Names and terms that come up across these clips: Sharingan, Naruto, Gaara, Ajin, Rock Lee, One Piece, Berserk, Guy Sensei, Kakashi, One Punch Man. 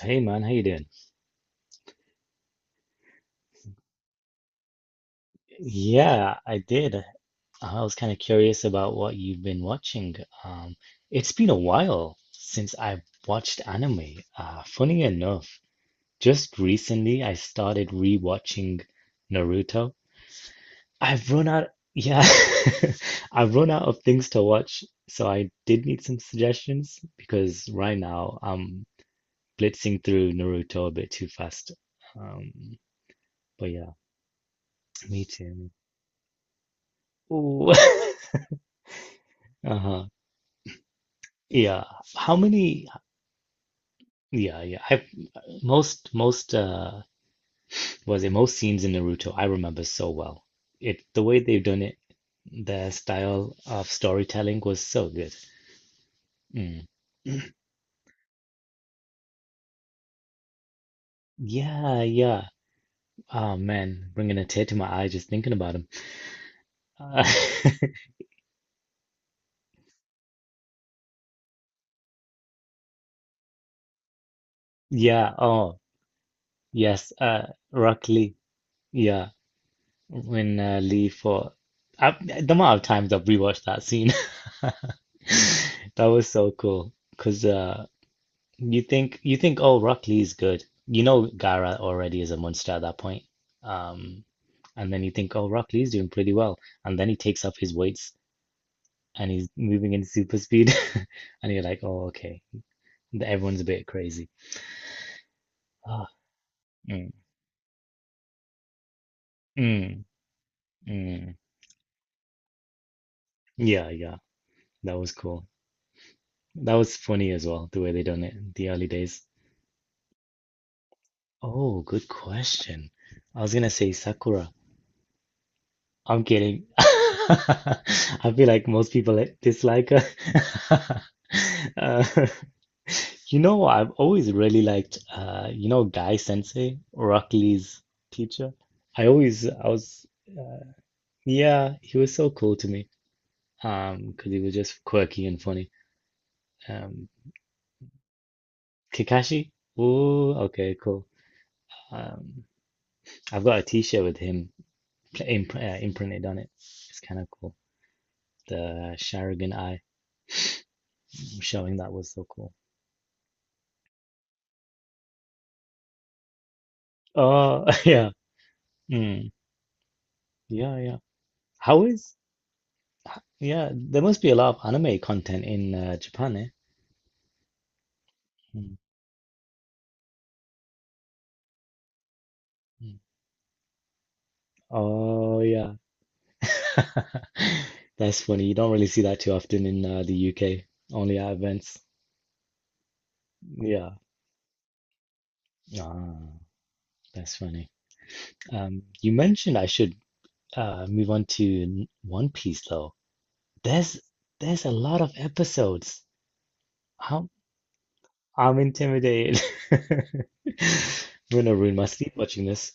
Hey man, how you doing? Yeah, I did. I was kind of curious about what you've been watching. Um, it's been a while since I watched anime. Funny enough, just recently I started rewatching Naruto. I've run out, yeah, I've run out of things to watch, so I did need some suggestions because right now I'm blitzing through Naruto a bit too fast. Um, but yeah, me too. Ooh. Uh-huh. Yeah. How many? Yeah, yeah. I've most was it most scenes in Naruto I remember so well. It the way they've done it, the style of storytelling was so good. Mm. Yeah, yeah. Oh man, bringing a tear to my eye just thinking about him. Uh, yeah. Oh, yes. Rock Lee. Yeah, when Lee for I, the amount of times I've rewatched that scene, that was so cool. Cause you think you think oh Rock Lee's good. You know Gara already is a monster at that point. Um, and then you think oh Rock Lee's doing pretty well, and then he takes up his weights and he's moving in super speed, and you're like oh okay, everyone's a bit crazy. Ah, mm, mm, mm. Yeah, yeah, that was cool. That was funny as well the way they done it in the early days. Oh, good question. I was gonna say Sakura. I'm kidding. I feel like most people like- dislike her. Uh, you know, I've always really liked, you know, Guy Sensei, Rock Lee's teacher. I always, I was, yeah, he was so cool to me. Because he was just quirky and funny. Um, Kakashi, ooh, okay, cool. Um, I've got a t-shirt with him imprinted on it. It's kind of cool. The Sharingan eye, showing that was so cool. Oh, yeah. Mm, yeah, yeah. How is, yeah, there must be a lot of anime content in Japan, eh? Mm, mm. Oh, yeah. That's funny. You don't really see that too often in the UK, only at events. Yeah. Ah, that's funny. You mentioned I should move on to One Piece, though. There's there's a lot of episodes. I'm I'm intimidated. I'm gonna ruin my sleep watching this.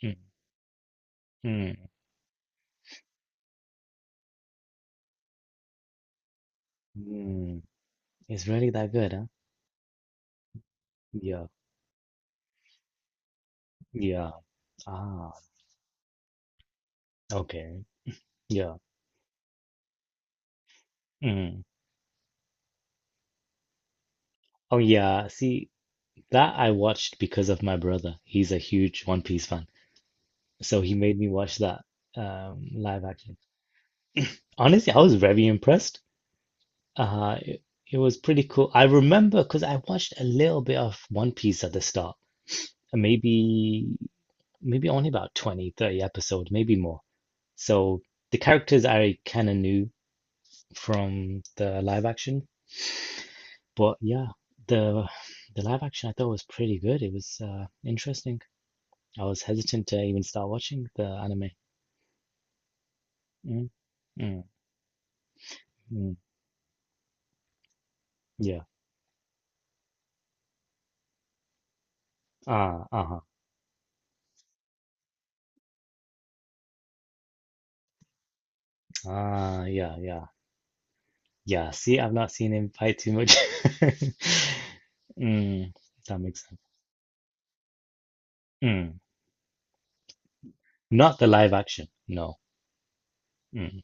Hmm. Hmm. Hmm. It's really that good, huh? Yeah, yeah. Ah, okay. Yeah. Mm. Oh, yeah. See, that I watched because of my brother. He's a huge One Piece fan. So he made me watch that live action. Honestly, I was very impressed. Uh, it, it was pretty cool. I remember because I watched a little bit of One Piece at the start, and maybe only about 20, thirty 30 episodes, maybe more. So the characters I kind of knew from the live action. But yeah, the the live action I thought was pretty good. It was interesting. I was hesitant to even start watching the anime. Mm, mm, mm, yeah. Ah, uh-huh. Ah, yeah, yeah. Yeah, see, I've not seen him fight too much. Mm, that makes sense. Mm. Not the live action. No. Mm.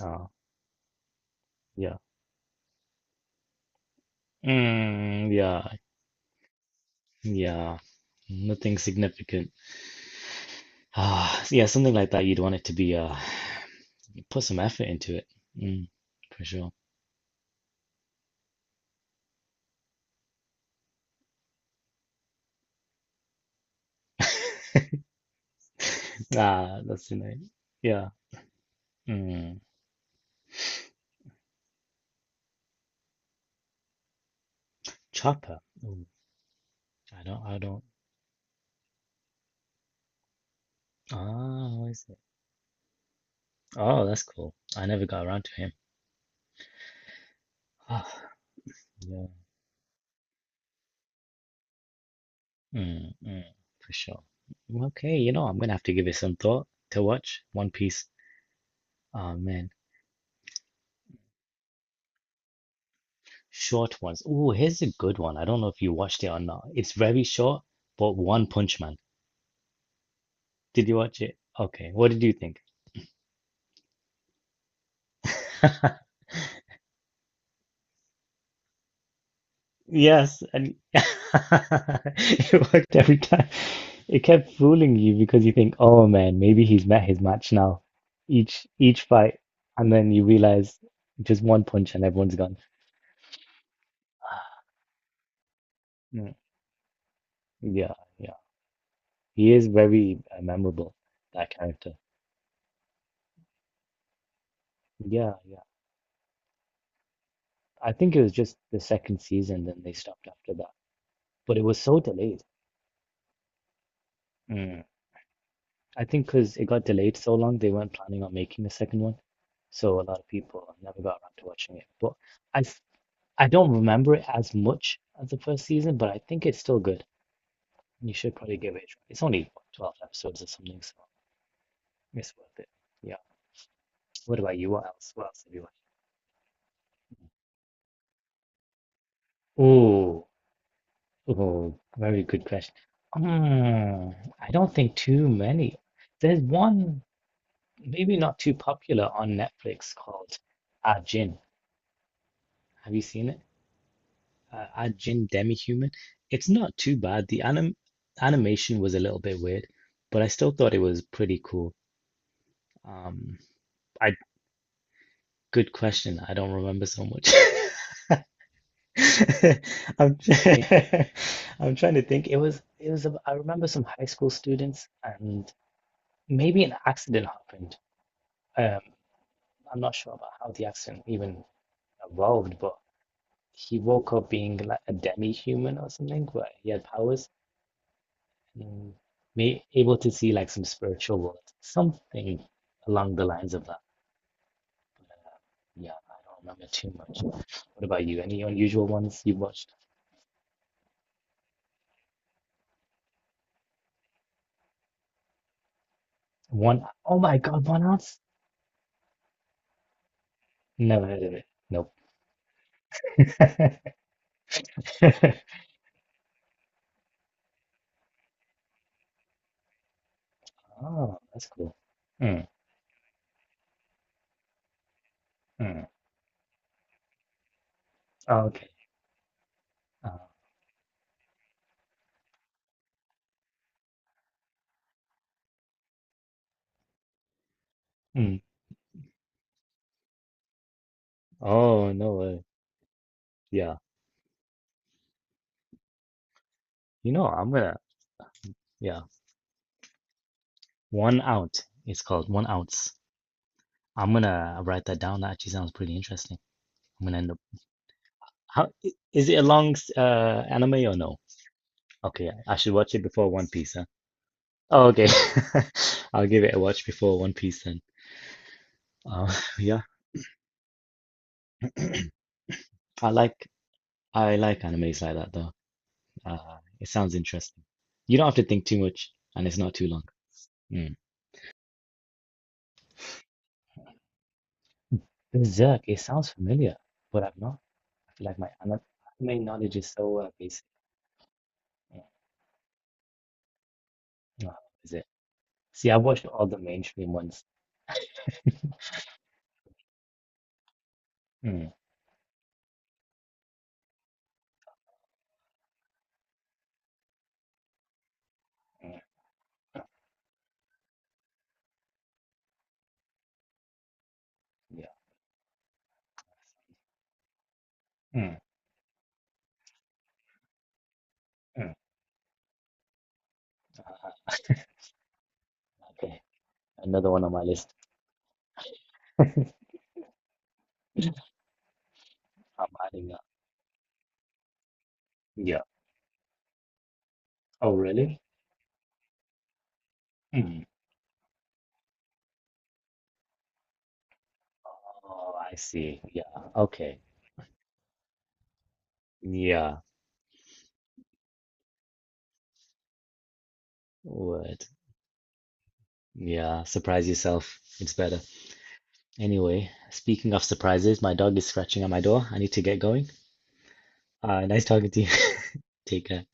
Ah, yeah. Mm, yeah. Yeah. Nothing significant. Ah, yeah, something like that. You'd want it to be put some effort into it. Mm, for sure. Ah, that's in it. Yeah. Mm. Chopper. Ooh, I don't. Ah, who is it? Oh, that's cool. I never got around to him. Ah, yeah. Mm, mm, for sure. Okay, you know, I'm gonna have to give it some thought to watch One Piece. Oh man, short ones. Oh, here's a good one. I don't know if you watched it or not. It's very short, but One Punch Man. Did you watch it? Okay, what did you think? Yes, and it worked every time. It kept fooling you because you think, "Oh man, maybe he's met his match now." Each fight, and then you realize just one punch and everyone's gone. Mm, yeah, yeah. He is very memorable, that character. Yeah, yeah. I think it was just the second season, then they stopped after that. But it was so delayed. I think because it got delayed so long, they weren't planning on making a second one. So a lot of people never got around to watching it. But I, f- I don't remember it as much as the first season, but I think it's still good. You should probably give it a try. It's only what, 12 episodes or something, so it's worth it. Yeah. What about you? What else? What else have you watched? Oh, oh, very good question. Mm, I don't think too many. There's one, maybe not too popular on Netflix called Ajin. Have you seen it? Uh, Ajin Demi-Human. It's not too bad. The animation was a little bit weird, but I still thought it was pretty cool. Um, I Good question. I don't remember so much. I'm trying, I'm trying to think. It was a, I remember some high school students and maybe an accident happened. Um, I'm not sure about how the accident even evolved, but he woke up being like a demi-human or something, where he had powers. Mm, may able to see like some spiritual world, something along the lines of that. But, yeah, I don't remember too much. What about you? Any unusual ones you've watched? One, oh my God, One Ounce? Never heard of it. Nope. Oh, that's cool. Mm, mm. Oh, okay. Uh, mm. Oh, no way. Yeah. You know, I'm gonna, yeah. One out. It's called one ounce. I'm gonna write that down. That actually sounds pretty interesting. I'm gonna end up how is it a long anime or no? Okay, I should watch it before One Piece, huh? Oh, okay. I'll give it a watch before One Piece then. Uh, yeah, I like I like animes like that though. It sounds interesting. You don't have to think too much, and it's not too long. Mm. Berserk, it sounds familiar, but I've not. I feel like my anime knowledge is so basic. Mm. Oh, how is it? See, I've watched all the mainstream ones. Mm. Mm. Yeah. Mm. Mm. Okay, another one on my list. I'm adding up. Yeah. Oh, really? Hmm. Oh, I see. Yeah. Okay. Yeah. What? Yeah. Surprise yourself. It's better. Anyway, speaking of surprises, my dog is scratching at my door. I need to get going. Nice talking to you. Take care.